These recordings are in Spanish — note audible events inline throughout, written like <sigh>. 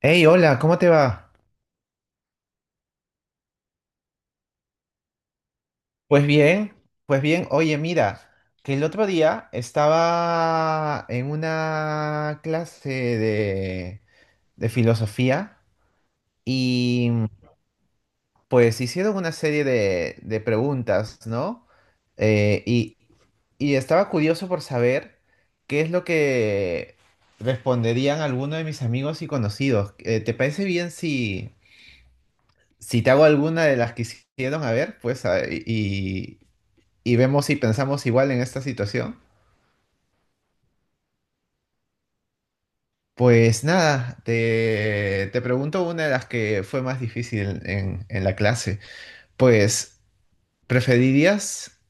Hey, hola, ¿cómo te va? Pues bien, pues bien. Oye, mira, que el otro día estaba en una clase de filosofía y pues hicieron una serie de preguntas, ¿no? Eh, y, y estaba curioso por saber qué es lo que responderían algunos de mis amigos y conocidos. ¿Te parece bien si te hago alguna de las que hicieron? A ver, pues, y vemos si pensamos igual en esta situación. Pues nada, te pregunto una de las que fue más difícil en la clase. Pues, ¿preferirías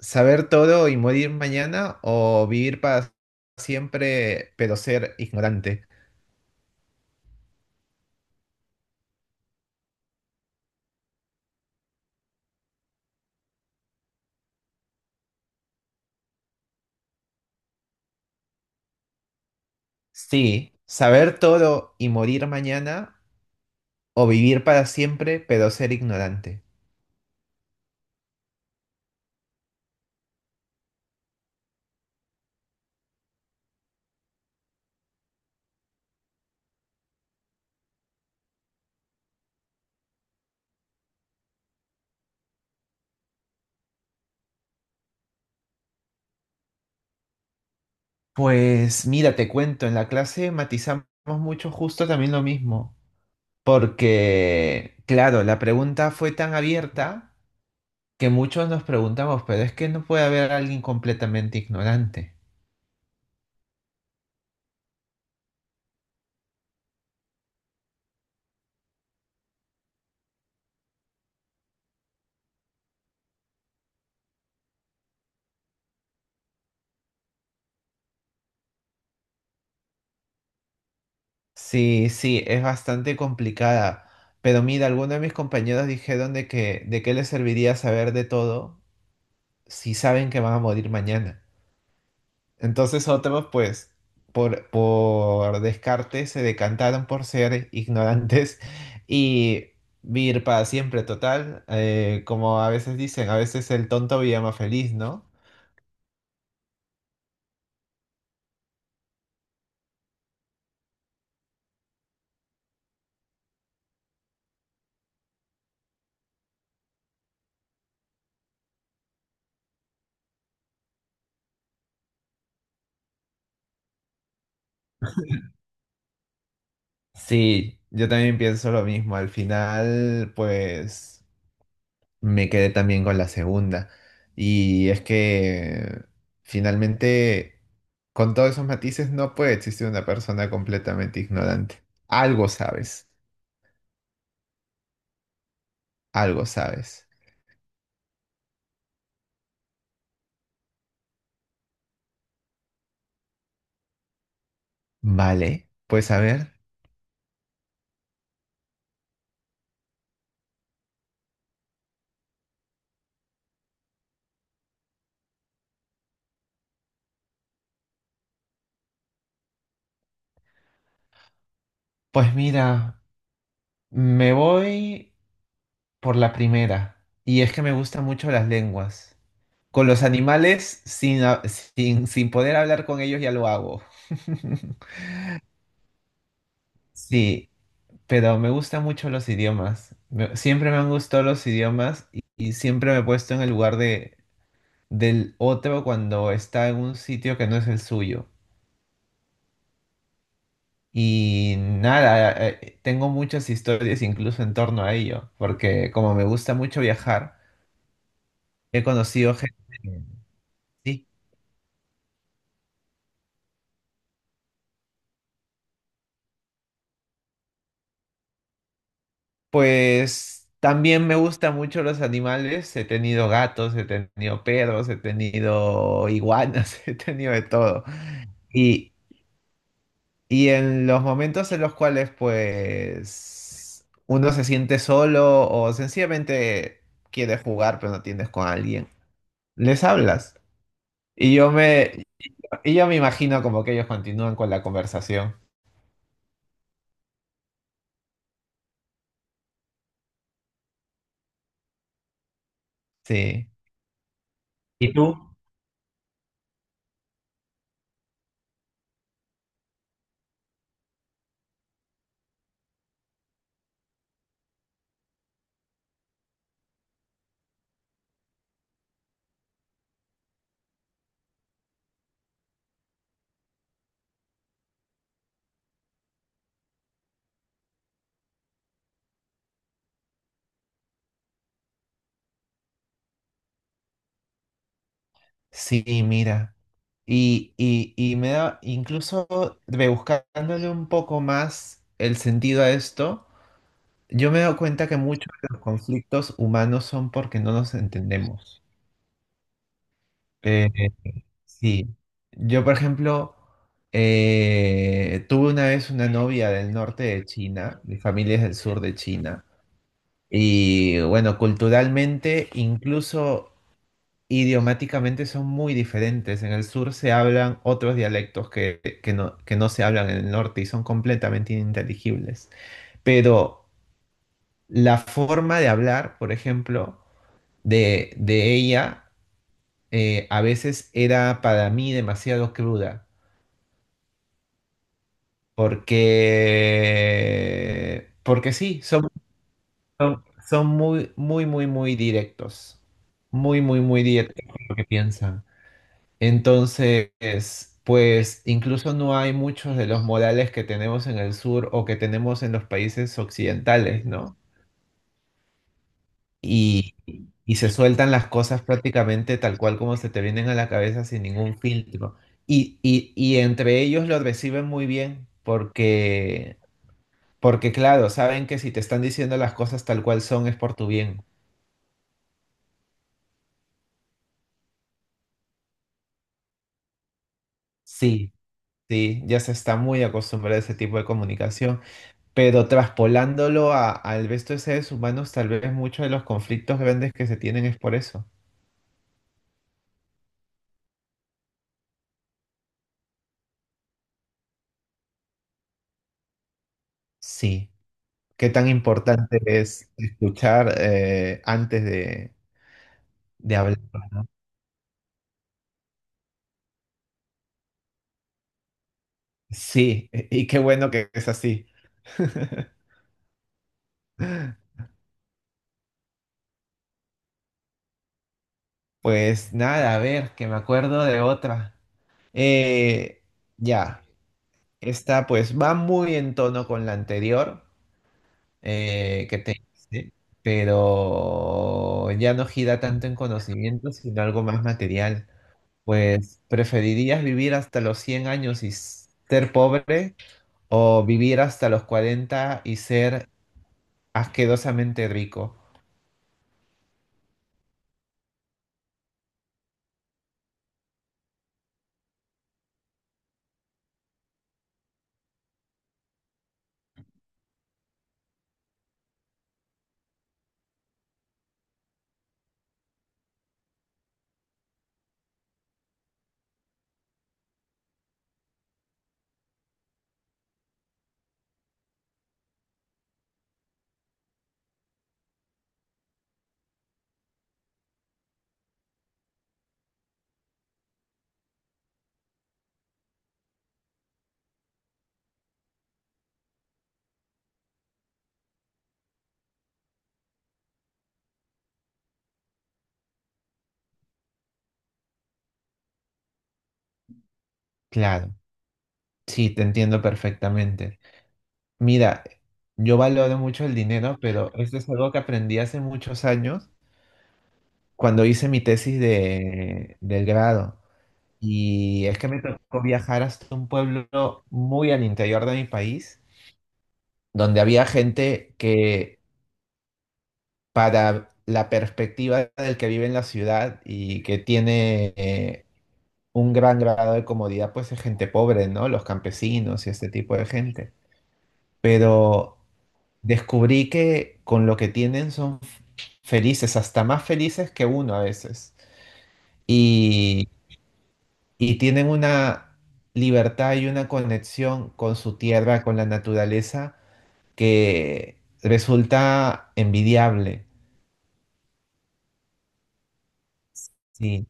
saber todo y morir mañana o vivir para siempre pero ser ignorante? Sí, saber todo y morir mañana o vivir para siempre pero ser ignorante. Pues mira, te cuento, en la clase matizamos mucho justo también lo mismo. Porque, claro, la pregunta fue tan abierta que muchos nos preguntamos, pero es que no puede haber alguien completamente ignorante. Sí, sí, es bastante complicada. Pero mira, algunos de mis compañeros dijeron de que, ¿de qué les serviría saber de todo si saben que van a morir mañana? Entonces otros, pues, por descarte se decantaron por ser ignorantes <laughs> y vivir para siempre, total. Eh, como a veces dicen, a veces el tonto vive más feliz, ¿no? Sí, yo también pienso lo mismo. Al final, pues, me quedé también con la segunda. Y es que finalmente, con todos esos matices, no puede existir una persona completamente ignorante. Algo sabes, algo sabes. Vale, pues a ver. Pues mira, me voy por la primera. Y es que me gustan mucho las lenguas. Con los animales, sin, ha- sin, sin poder hablar con ellos, ya lo hago. <laughs> Sí, pero me gustan mucho los idiomas. Me- siempre me han gustado los idiomas y siempre me he puesto en el lugar de, del otro cuando está en un sitio que no es el suyo. Y nada, tengo muchas historias incluso en torno a ello, porque como me gusta mucho viajar, he conocido gente. Sí, pues también me gustan mucho los animales. He tenido gatos, he tenido perros, he tenido iguanas, <laughs> he tenido de todo. Y, y en los momentos en los cuales pues uno se siente solo o sencillamente quiere jugar pero no tienes con alguien, les hablas. Y yo me, Y yo me imagino como que ellos continúan con la conversación. Sí. ¿Y tú? Sí, mira. Y me da, incluso rebuscándole un poco más el sentido a esto, yo me he dado cuenta que muchos de los conflictos humanos son porque no nos entendemos. Eh, sí. Yo, por ejemplo, tuve una vez una novia del norte de China, mi familia es del sur de China, y bueno, culturalmente, incluso idiomáticamente son muy diferentes. En el sur se hablan otros dialectos que no se hablan en el norte y son completamente ininteligibles. Pero la forma de hablar, por ejemplo, de ella, a veces era para mí demasiado cruda, porque sí, son, son, son muy, muy, muy, muy directos. Muy, muy, muy directos con lo que piensan. Entonces, pues incluso no hay muchos de los modales que tenemos en el sur o que tenemos en los países occidentales, ¿no? Y, y se sueltan las cosas prácticamente tal cual como se te vienen a la cabeza sin ningún filtro. Y entre ellos lo reciben muy bien porque claro, saben que si te están diciendo las cosas tal cual son es por tu bien. Sí, sí, ya se está muy acostumbrado a ese tipo de comunicación. Pero traspolándolo a- al resto de seres humanos, tal vez muchos de los conflictos grandes que se tienen es por eso. Sí. Qué tan importante es escuchar antes de hablar. Sí, e, y qué bueno que es así. <laughs> Pues nada, a ver, que me acuerdo de otra. Eh, ya, esta pues va muy en tono con la anterior que te hice, pero ya no gira tanto en conocimiento, sino algo más material. Pues, ¿preferirías vivir hasta los 100 años y s- ser pobre o vivir hasta los 40 y ser asquerosamente rico? Claro, sí, te entiendo perfectamente. Mira, yo valoro mucho el dinero, pero esto es algo que aprendí hace muchos años cuando hice mi tesis de, del grado. Y es que me tocó viajar hasta un pueblo muy al interior de mi país, donde había gente que para la perspectiva del que vive en la ciudad y que tiene un gran grado de comodidad, pues es gente pobre, ¿no? Los campesinos y este tipo de gente. Pero descubrí que con lo que tienen son felices, hasta más felices que uno a veces. Y, y tienen una libertad y una conexión con su tierra, con la naturaleza, que resulta envidiable. Sí.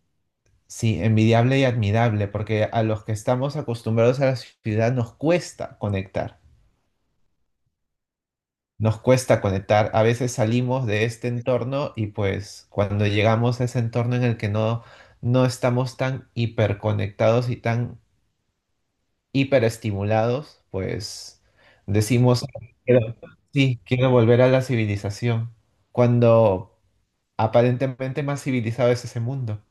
Sí, envidiable y admirable, porque a los que estamos acostumbrados a la ciudad nos cuesta conectar, nos cuesta conectar. A veces salimos de este entorno y pues cuando llegamos a ese entorno en el que no estamos tan hiperconectados y tan hiperestimulados, pues decimos, "Quiero- sí, quiero volver a la civilización, cuando aparentemente más civilizado es ese mundo.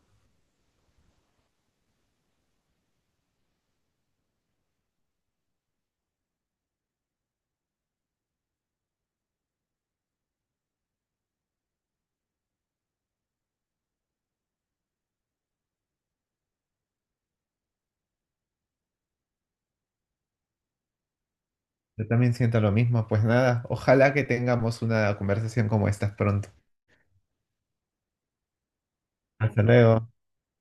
Yo también siento lo mismo. Pues nada, ojalá que tengamos una conversación como esta pronto. Hasta luego.